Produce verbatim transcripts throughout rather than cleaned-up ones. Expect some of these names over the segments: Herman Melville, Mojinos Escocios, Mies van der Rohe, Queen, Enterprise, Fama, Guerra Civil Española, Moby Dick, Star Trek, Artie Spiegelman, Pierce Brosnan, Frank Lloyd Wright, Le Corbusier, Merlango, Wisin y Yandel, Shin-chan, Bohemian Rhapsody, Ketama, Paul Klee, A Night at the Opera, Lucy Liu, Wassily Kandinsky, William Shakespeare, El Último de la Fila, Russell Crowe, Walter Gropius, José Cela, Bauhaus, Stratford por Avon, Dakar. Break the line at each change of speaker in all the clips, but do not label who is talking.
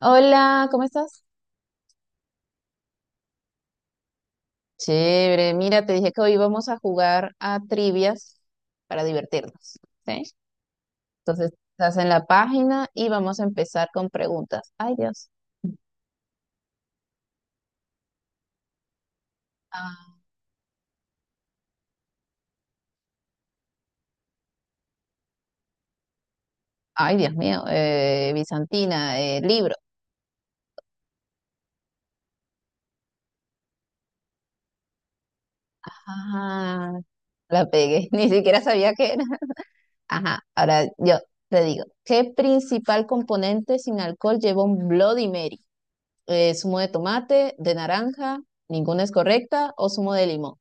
Hola, ¿cómo estás? Chévere, mira, te dije que hoy vamos a jugar a trivias para divertirnos, ¿sí? Entonces, estás en la página y vamos a empezar con preguntas. Ay, Dios. Ah, ay, Dios mío, eh, Bizantina, eh, libro. Ajá, la pegué, ni siquiera sabía qué era. Ajá, ahora yo te digo, ¿qué principal componente sin alcohol lleva un Bloody Mary? Eh, ¿zumo de tomate, de naranja, ninguna es correcta, o zumo de limón?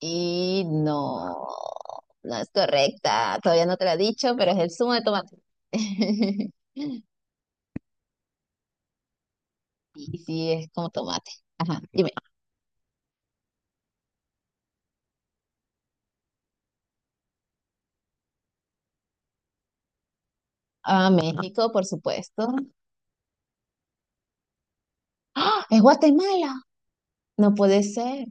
Y no, no es correcta. Todavía no te la he dicho, pero es el zumo de tomate. Y sí, es como tomate. Ajá, dime. Ah, México, por supuesto. ¡Ah! ¡Es Guatemala! No puede ser.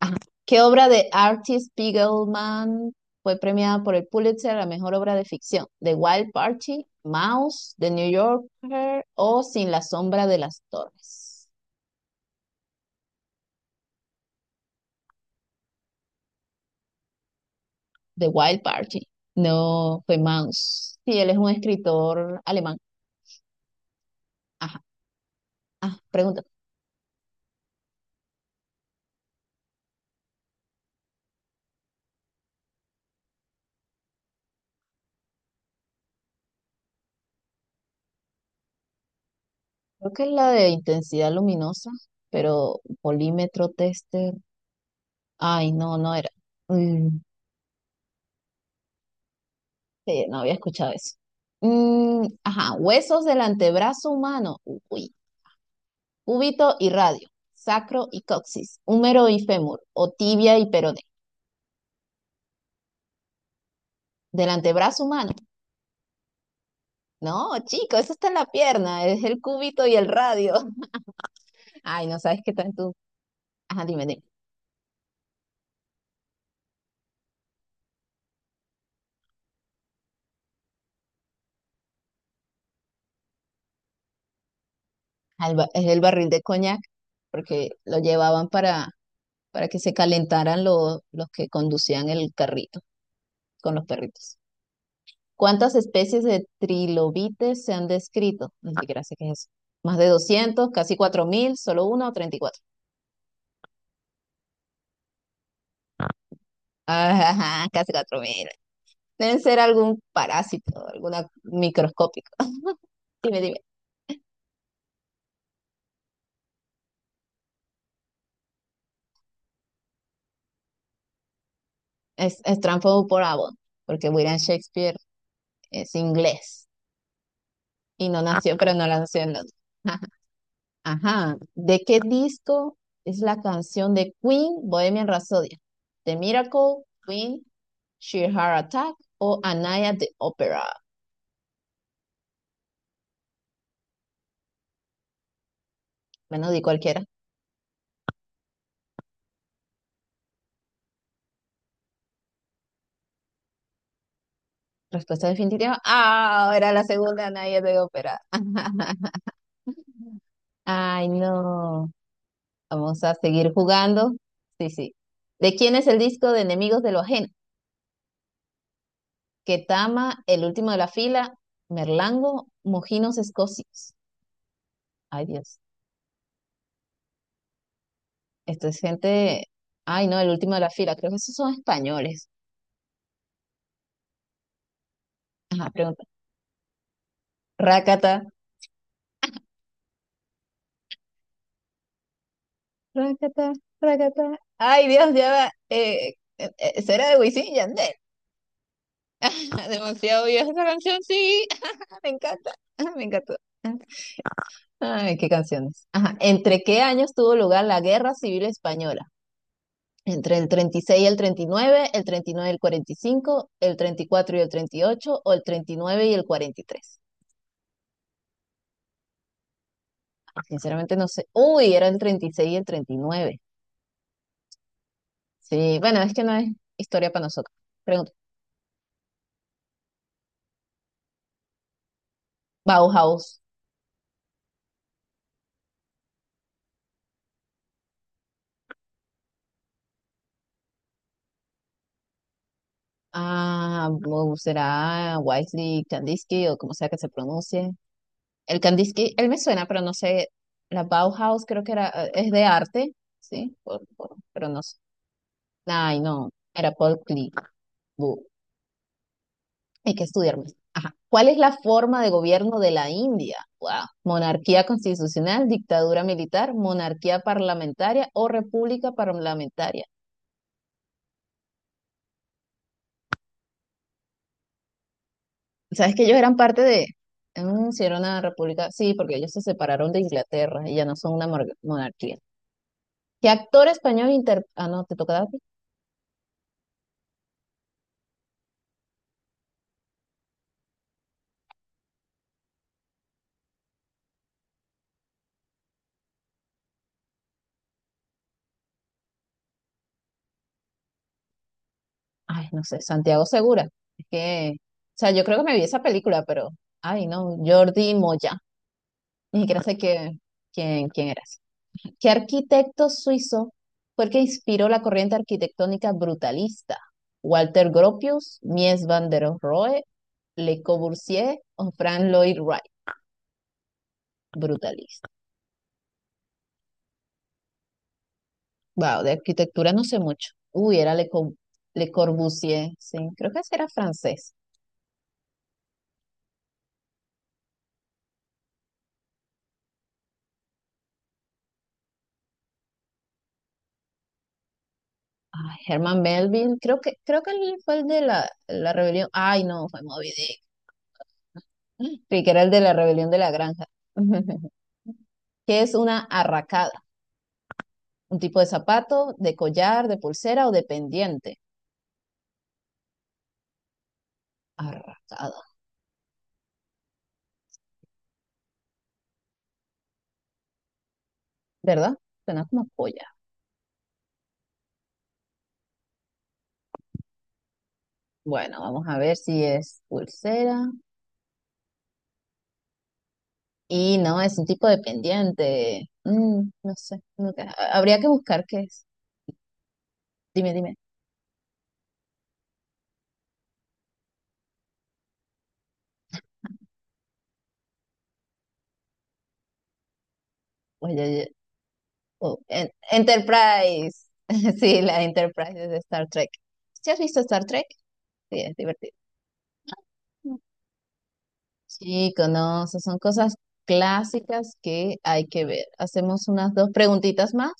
Ajá. ¿Qué obra de Artie Spiegelman fue premiada por el Pulitzer a la mejor obra de ficción? ¿The Wild Party, Mouse, The New Yorker o Sin la sombra de las torres? The Wild Party. No fue Mouse. Sí, él es un escritor alemán. Ajá. Ah, pregunta. Creo que es la de intensidad luminosa, pero polímetro tester. Ay, no, no era. Mm, sí, no había escuchado eso. Mm, ajá, huesos del antebrazo humano. Uy, cúbito y radio, sacro y coxis, húmero y fémur, o tibia y peroné. Del antebrazo humano. No, chico, eso está en la pierna, es el cúbito y el radio. Ay, no sabes qué tanto. Ajá, dime, dime. Ah, el ba- es el barril de coñac, porque lo llevaban para, para que se calentaran los, los que conducían el carrito con los perritos. ¿Cuántas especies de trilobites se han descrito? Ni siquiera sé qué es eso. Más de doscientos, casi cuatro mil solo una o treinta y cuatro, ajá, casi cuatro mil. Deben ser algún parásito, alguna microscópico. Dime, dime. Es, es Stratford por Avon, porque William Shakespeare es inglés y no nació, pero no nació en Londres. Ajá. ¿De qué disco es la canción de Queen, Bohemian Rhapsody? The Miracle, Queen, Sheer Heart Attack o Anaya de Opera. Bueno, di cualquiera. Respuesta definitiva. Ah, era la segunda Anaya de Opera. Ay, no. Vamos a seguir jugando. Sí, sí. ¿De quién es el disco de Enemigos de lo Ajeno? Ketama, El Último de la Fila, Merlango, Mojinos Escocios. Ay, Dios. Esto es gente. Ay, no, el último de la fila. Creo que esos son españoles. Ajá, pregunta. Rácata, rácata, rácata. Ay, Dios, ya va. Eh, eh, eh, será de Wisin y Yandel. Demasiado vieja esa canción, sí. Me encanta, me encantó. Ay, qué canciones. Ajá. ¿Entre qué años tuvo lugar la Guerra Civil Española? ¿Entre el treinta y seis y el treinta y nueve, el treinta y nueve y el cuarenta y cinco, el treinta y cuatro y el treinta y ocho o el treinta y nueve y el cuarenta y tres? Sinceramente no sé. Uy, era el treinta y seis y el treinta y nueve. Sí, bueno, es que no es historia para nosotros. Pregunta. Bauhaus. Ah, bu- será Wisely Kandinsky o como sea que se pronuncie. El Kandinsky, él me suena, pero no sé. La Bauhaus creo que era, eh, es de arte, sí, por- por- pero no sé. Ay, no, era Paul Klee. Bu, hay que estudiar más. Ajá. ¿Cuál es la forma de gobierno de la India? Wow. ¿Monarquía constitucional, dictadura militar, monarquía parlamentaria o república parlamentaria? Sabes que ellos eran parte de, mm, sí, era una república, sí, porque ellos se separaron de Inglaterra y ya no son una mor- monarquía. ¿Qué actor español inter...? Ah, no, te toca a ti. Ay, no sé, Santiago Segura. Es que, o sea, yo creo que me vi esa película, pero, ay, no, Jordi Moya. Ni siquiera sé qué, quién, quién eras. ¿Qué arquitecto suizo fue el que inspiró la corriente arquitectónica brutalista? ¿Walter Gropius, Mies van der Rohe, Le Corbusier o Frank Lloyd Wright? Brutalista. Wow, de arquitectura no sé mucho. Uy, era Le, Com- Le Corbusier, sí, creo que ese era francés. Ay, Herman Melville, creo que, creo que él fue el de la, la rebelión. Ay, no, fue Moby Dick. Creí que era el de la rebelión de la granja. ¿Qué es una arracada? Un tipo de zapato, de collar, de pulsera o de pendiente. Arracada, ¿verdad? Suena como polla. Bueno, vamos a ver si es pulsera. Y no, es un tipo dependiente. Mm, no sé, nunca. ha- Habría que buscar qué es. Dime, dime. Oye, oye, oh, en- Enterprise. Sí, la Enterprise es de Star Trek. ¿Sí has visto Star Trek? Sí, es divertido. Mm. Chico, no, esas son cosas clásicas que hay que ver. Hacemos unas dos preguntitas más.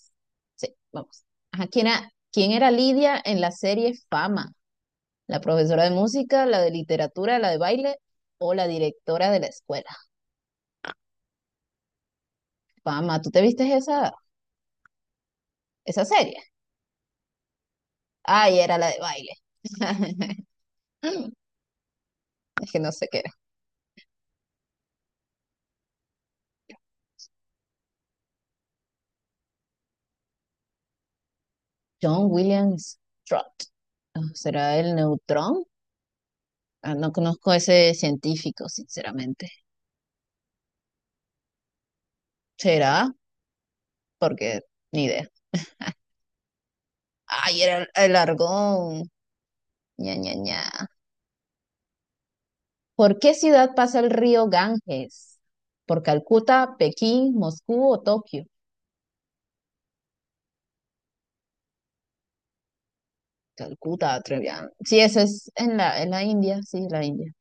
Sí, vamos. Ajá, ¿quién era, quién era Lidia en la serie Fama? ¿La profesora de música, la de literatura, la de baile o la directora de la escuela? Pama, ¿tú te viste esa, esa serie? Ay, era la de baile. Es que no sé qué era. John Williams Trott. Ah, ¿será el neutrón? Ah, no conozco a ese científico, sinceramente. ¿Será? Porque ni idea. Ay, era el, el argón. Ña, Ña, Ña. ¿Por qué ciudad pasa el río Ganges? ¿Por Calcuta, Pekín, Moscú o Tokio? Calcuta, Trevian. Sí, eso es en la, en la India, sí, la India.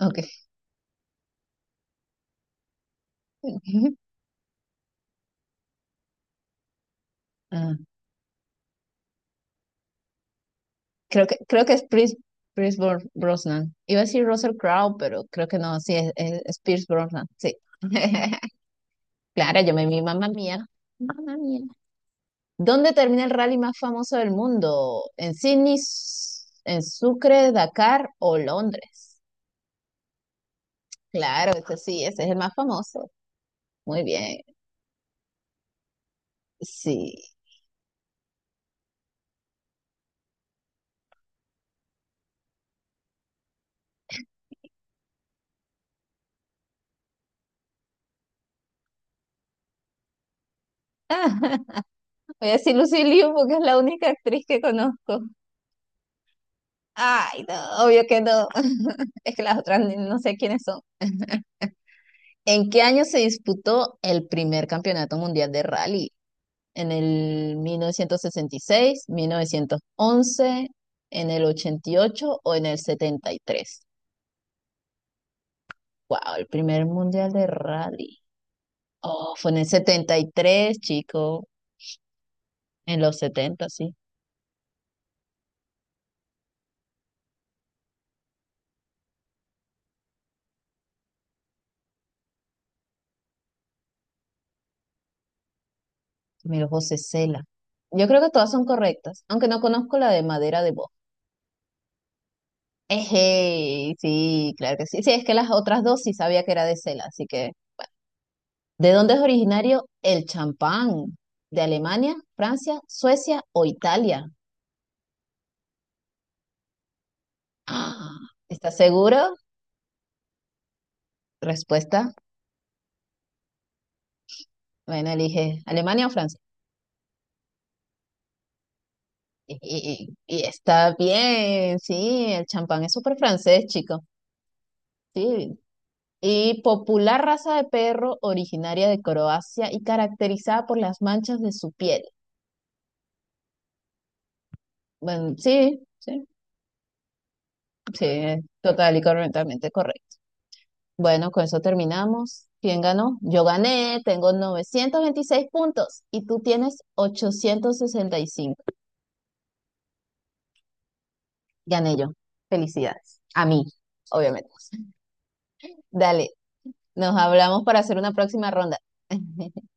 Ok. Ah, Creo que, creo que es Pierce, Pierce Bro- Brosnan. Iba a decir Russell Crowe, pero creo que no, sí, es, es, es Pierce Brosnan, sí. Claro, yo me vi, mamá mía, mamá mía. ¿Dónde termina el rally más famoso del mundo? ¿En Sydney, S- en Sucre, Dakar o Londres? Claro, ese sí, ese es el más famoso. Muy bien, sí. Voy a decir Lucy Liu porque es la única actriz que conozco. Ay, no, obvio que no. Es que las otras ni- no sé quiénes son. ¿En qué año se disputó el primer campeonato mundial de rally? ¿En el mil mil novecientos sesenta y seis, mil novecientos once, en el ochenta y ocho o en el setenta y tres? Wow, el primer mundial de rally. Oh, fue en el setenta y tres, chico. En los setenta, sí. Mira, José Cela. Yo creo que todas son correctas, aunque no conozco la de madera de voz. Eje, sí, claro que sí. Sí, es que las otras dos sí sabía que era de Cela, así que ¿de dónde es originario el champán? ¿De Alemania, Francia, Suecia o Italia? Ah, ¿estás seguro? Respuesta. Bueno, elige Alemania o Francia. Y, y- y está bien, sí, el champán es súper francés, chico. Sí. Y popular raza de perro originaria de Croacia y caracterizada por las manchas de su piel. Bueno, sí, sí, sí, total y correctamente correcto. Bueno, con eso terminamos. ¿Quién ganó? Yo gané, tengo novecientos veintiséis puntos y tú tienes ochocientos sesenta y cinco. Gané yo. Felicidades. A mí, obviamente. Dale, nos hablamos para hacer una próxima ronda.